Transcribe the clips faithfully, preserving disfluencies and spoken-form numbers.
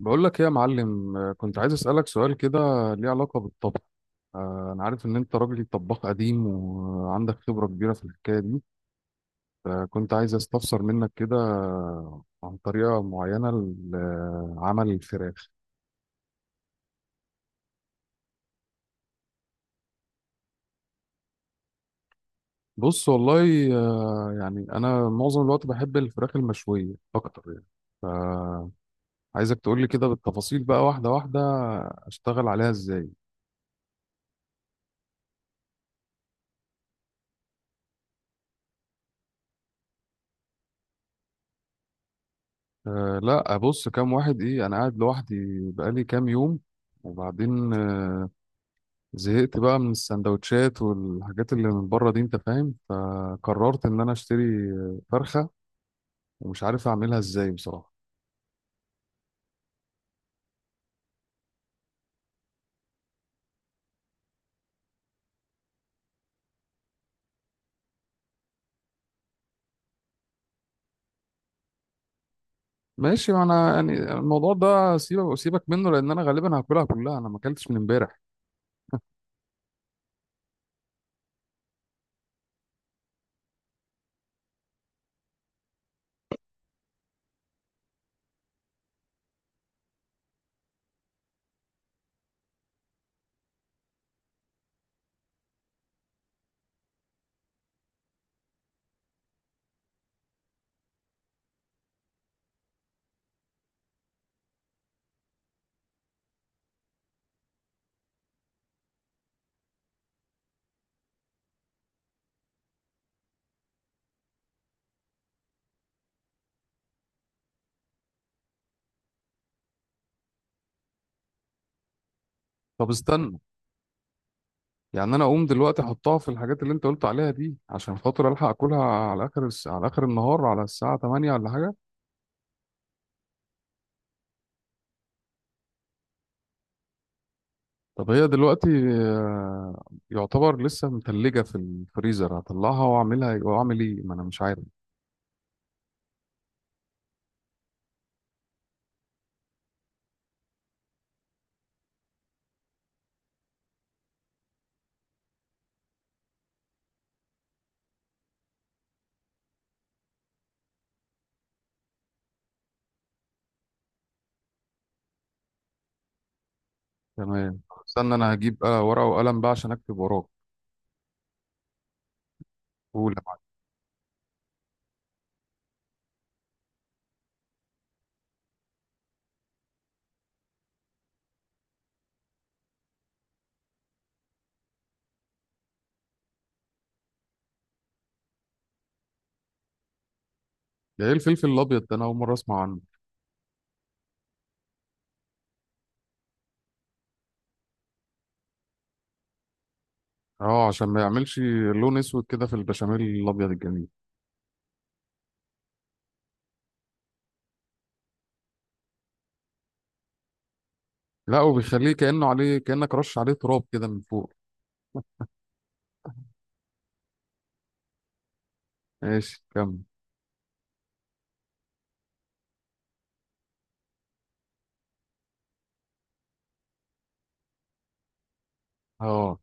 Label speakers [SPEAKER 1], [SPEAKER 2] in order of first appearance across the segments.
[SPEAKER 1] بقول لك ايه يا معلم، آه، كنت عايز اسالك سؤال كده ليه علاقه بالطبخ. آه، انا عارف ان انت راجل طباخ قديم وعندك خبره كبيره في الحكايه دي، فكنت عايز استفسر منك كده عن طريقه معينه لعمل الفراخ. بص والله، آه، يعني انا معظم الوقت بحب الفراخ المشويه اكتر يعني، فعايزك تقول لي كده بالتفاصيل بقى واحده واحده اشتغل عليها ازاي. أه لا، ابص، كام واحد ايه، انا قاعد لوحدي بقالي كام يوم. وبعدين آه، زهقت بقى من السندوتشات والحاجات اللي من بره دي انت فاهم، فقررت ان انا اشتري فرخة ومش عارف اعملها ازاي بصراحة. ماشي، ما انا يعني الموضوع ده سيبك سيبك منه لان انا غالبا هاكلها كلها، انا ما اكلتش من امبارح. طب استنى، يعني انا اقوم دلوقتي احطها في الحاجات اللي انت قلت عليها دي عشان خاطر الحق اكلها على اخر الس... على اخر النهار على الساعة ثمانية ولا حاجة؟ طب هي دلوقتي آه، يعتبر لسه متلجة في الفريزر، هطلعها واعملها واعمل ايه؟ ما انا مش عارف. تمام. استنى انا هجيب آه ورقه وقلم بقى عشان اكتب وراك. قول يا معلم. ده ايه الفلفل الابيض ده؟ انا اول مره اسمع عنه. اه، عشان ما يعملش لون اسود كده في البشاميل الابيض الجميل. لا، وبيخليه كانه عليه، كانك رش عليه تراب كده من فوق. ماشي، كمل. اه.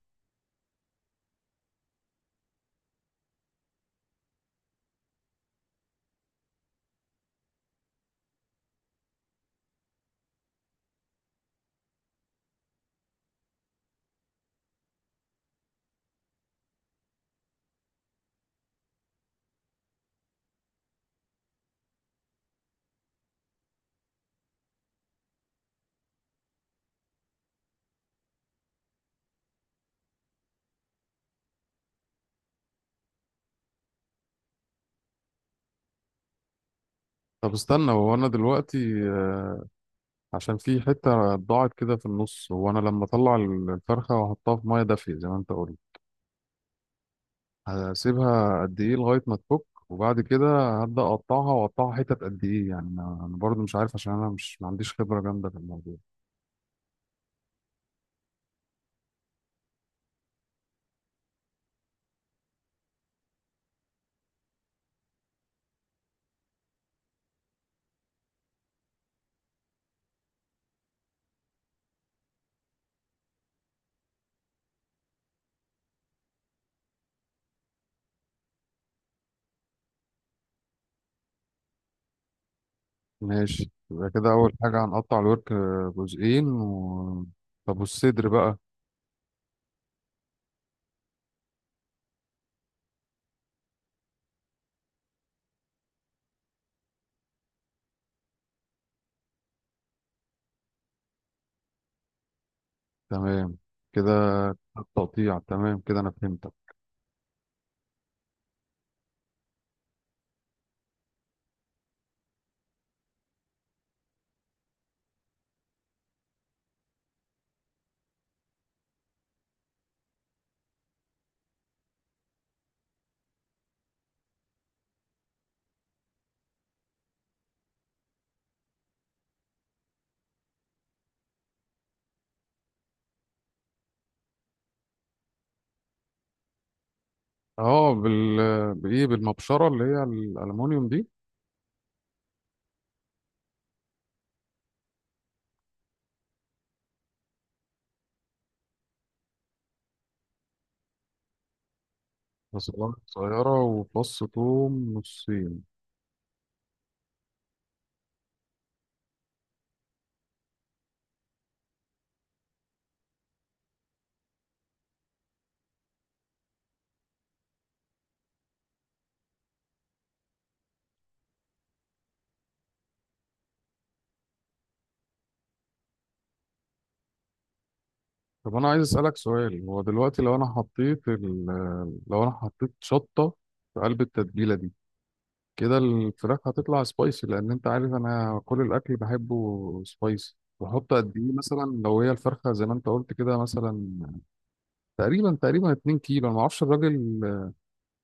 [SPEAKER 1] طب استنى، هو انا دلوقتي آه، عشان في حته ضاعت كده في النص، هو انا لما اطلع الفرخه واحطها في ميه دافيه زي ما انت قلت هسيبها قد ايه لغايه ما تفك؟ وبعد كده هبدا اقطعها واقطعها حتت قد ايه يعني؟ انا أنا برضو مش عارف عشان انا مش ما عنديش خبره جامده في الموضوع. ماشي، يبقى كده اول حاجه هنقطع الورك جزئين و... طب والصدر بقى؟ تمام كده. التقطيع تمام كده، انا فهمتك. اه، بال بايه، بالمبشره اللي هي الالومنيوم دي؟ بصلات صغيره وفص ثوم نصين. طب انا عايز اسالك سؤال، هو دلوقتي لو انا حطيت ال... لو انا حطيت شطه في قلب التتبيله دي كده، الفراخ هتطلع سبايسي لان انت عارف انا كل الاكل بحبه سبايسي. بحط قد ايه مثلا لو هي الفرخه زي ما انت قلت كده مثلا تقريبا تقريبا اثنين كيلو؟ انا ما اعرفش الراجل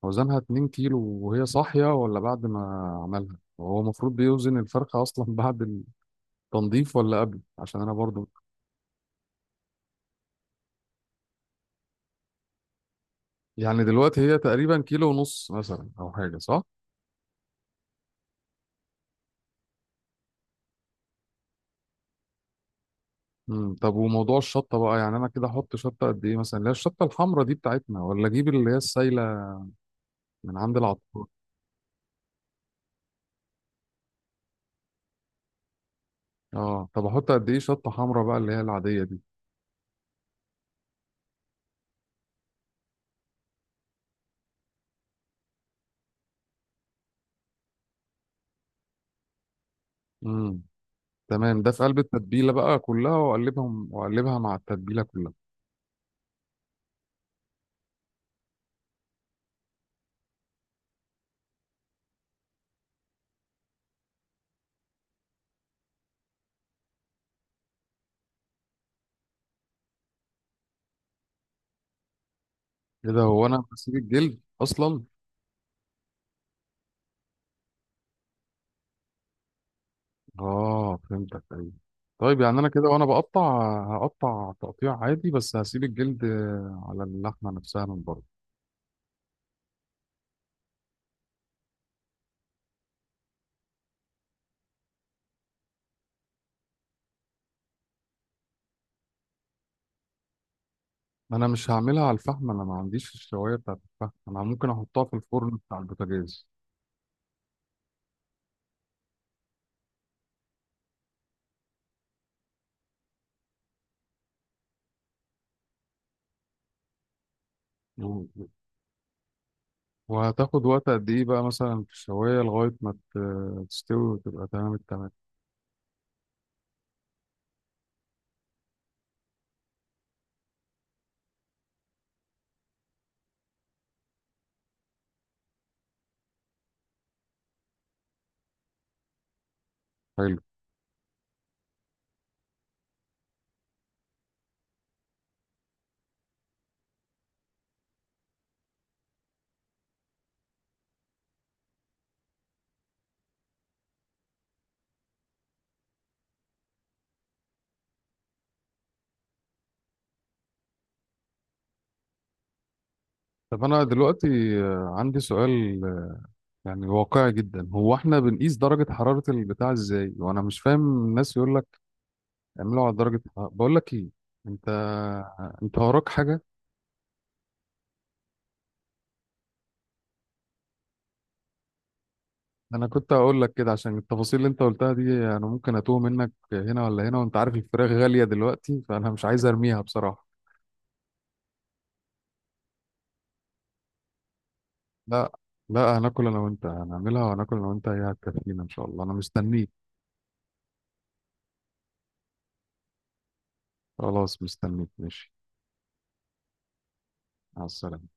[SPEAKER 1] وزنها اتنين كيلو وهي صاحيه ولا بعد ما عملها؟ هو المفروض بيوزن الفرخه اصلا بعد التنظيف ولا قبل؟ عشان انا برضو يعني دلوقتي هي تقريبا كيلو ونص مثلا او حاجه، صح؟ مم. طب وموضوع الشطه بقى، يعني انا كده احط شطه قد ايه مثلا اللي هي الشطه الحمراء دي بتاعتنا، ولا اجيب اللي هي السايله من عند العطار؟ اه. طب احط قد ايه شطه حمراء بقى اللي هي العاديه دي؟ امم تمام، ده في قلب التتبيله بقى كلها، واقلبهم واقلبها مع التتبيله كلها. ايه ده؟ هو انا بسيب الجلد اصلا؟ اه فهمتك، ايوه. طيب يعني انا كده وانا بقطع هقطع تقطيع عادي بس هسيب الجلد على اللحمه نفسها من بره. ما انا مش هعملها على الفحم، انا ما عنديش الشوايه بتاعت الفحم، انا ممكن احطها في الفرن بتاع البوتاجاز. و- وهتاخد وقت قد ايه بقى مثلا في الشوايه لغايه ما ت- تستوي وتبقى تمام التمام؟ حلو. طب انا دلوقتي آه، عندي سؤال آه، يعني واقعي جدا، هو احنا بنقيس درجه حراره البتاع ازاي؟ وانا مش فاهم، الناس يقول لك اعملوا على درجه حرارة، بقول لك ايه انت انت وراك حاجه؟ انا كنت هقول لك كده عشان التفاصيل اللي انت قلتها دي انا ممكن اتوه منك هنا ولا هنا، وانت عارف الفراخ غالية دلوقتي، فانا مش عايز ارميها بصراحة. لا. لا، هناكل انا وانت، هنعملها وهناكل انا وانت، هي هتكفينا ان شاء الله، انا مستنيك. خلاص، مستنيك ماشي. مع السلامة.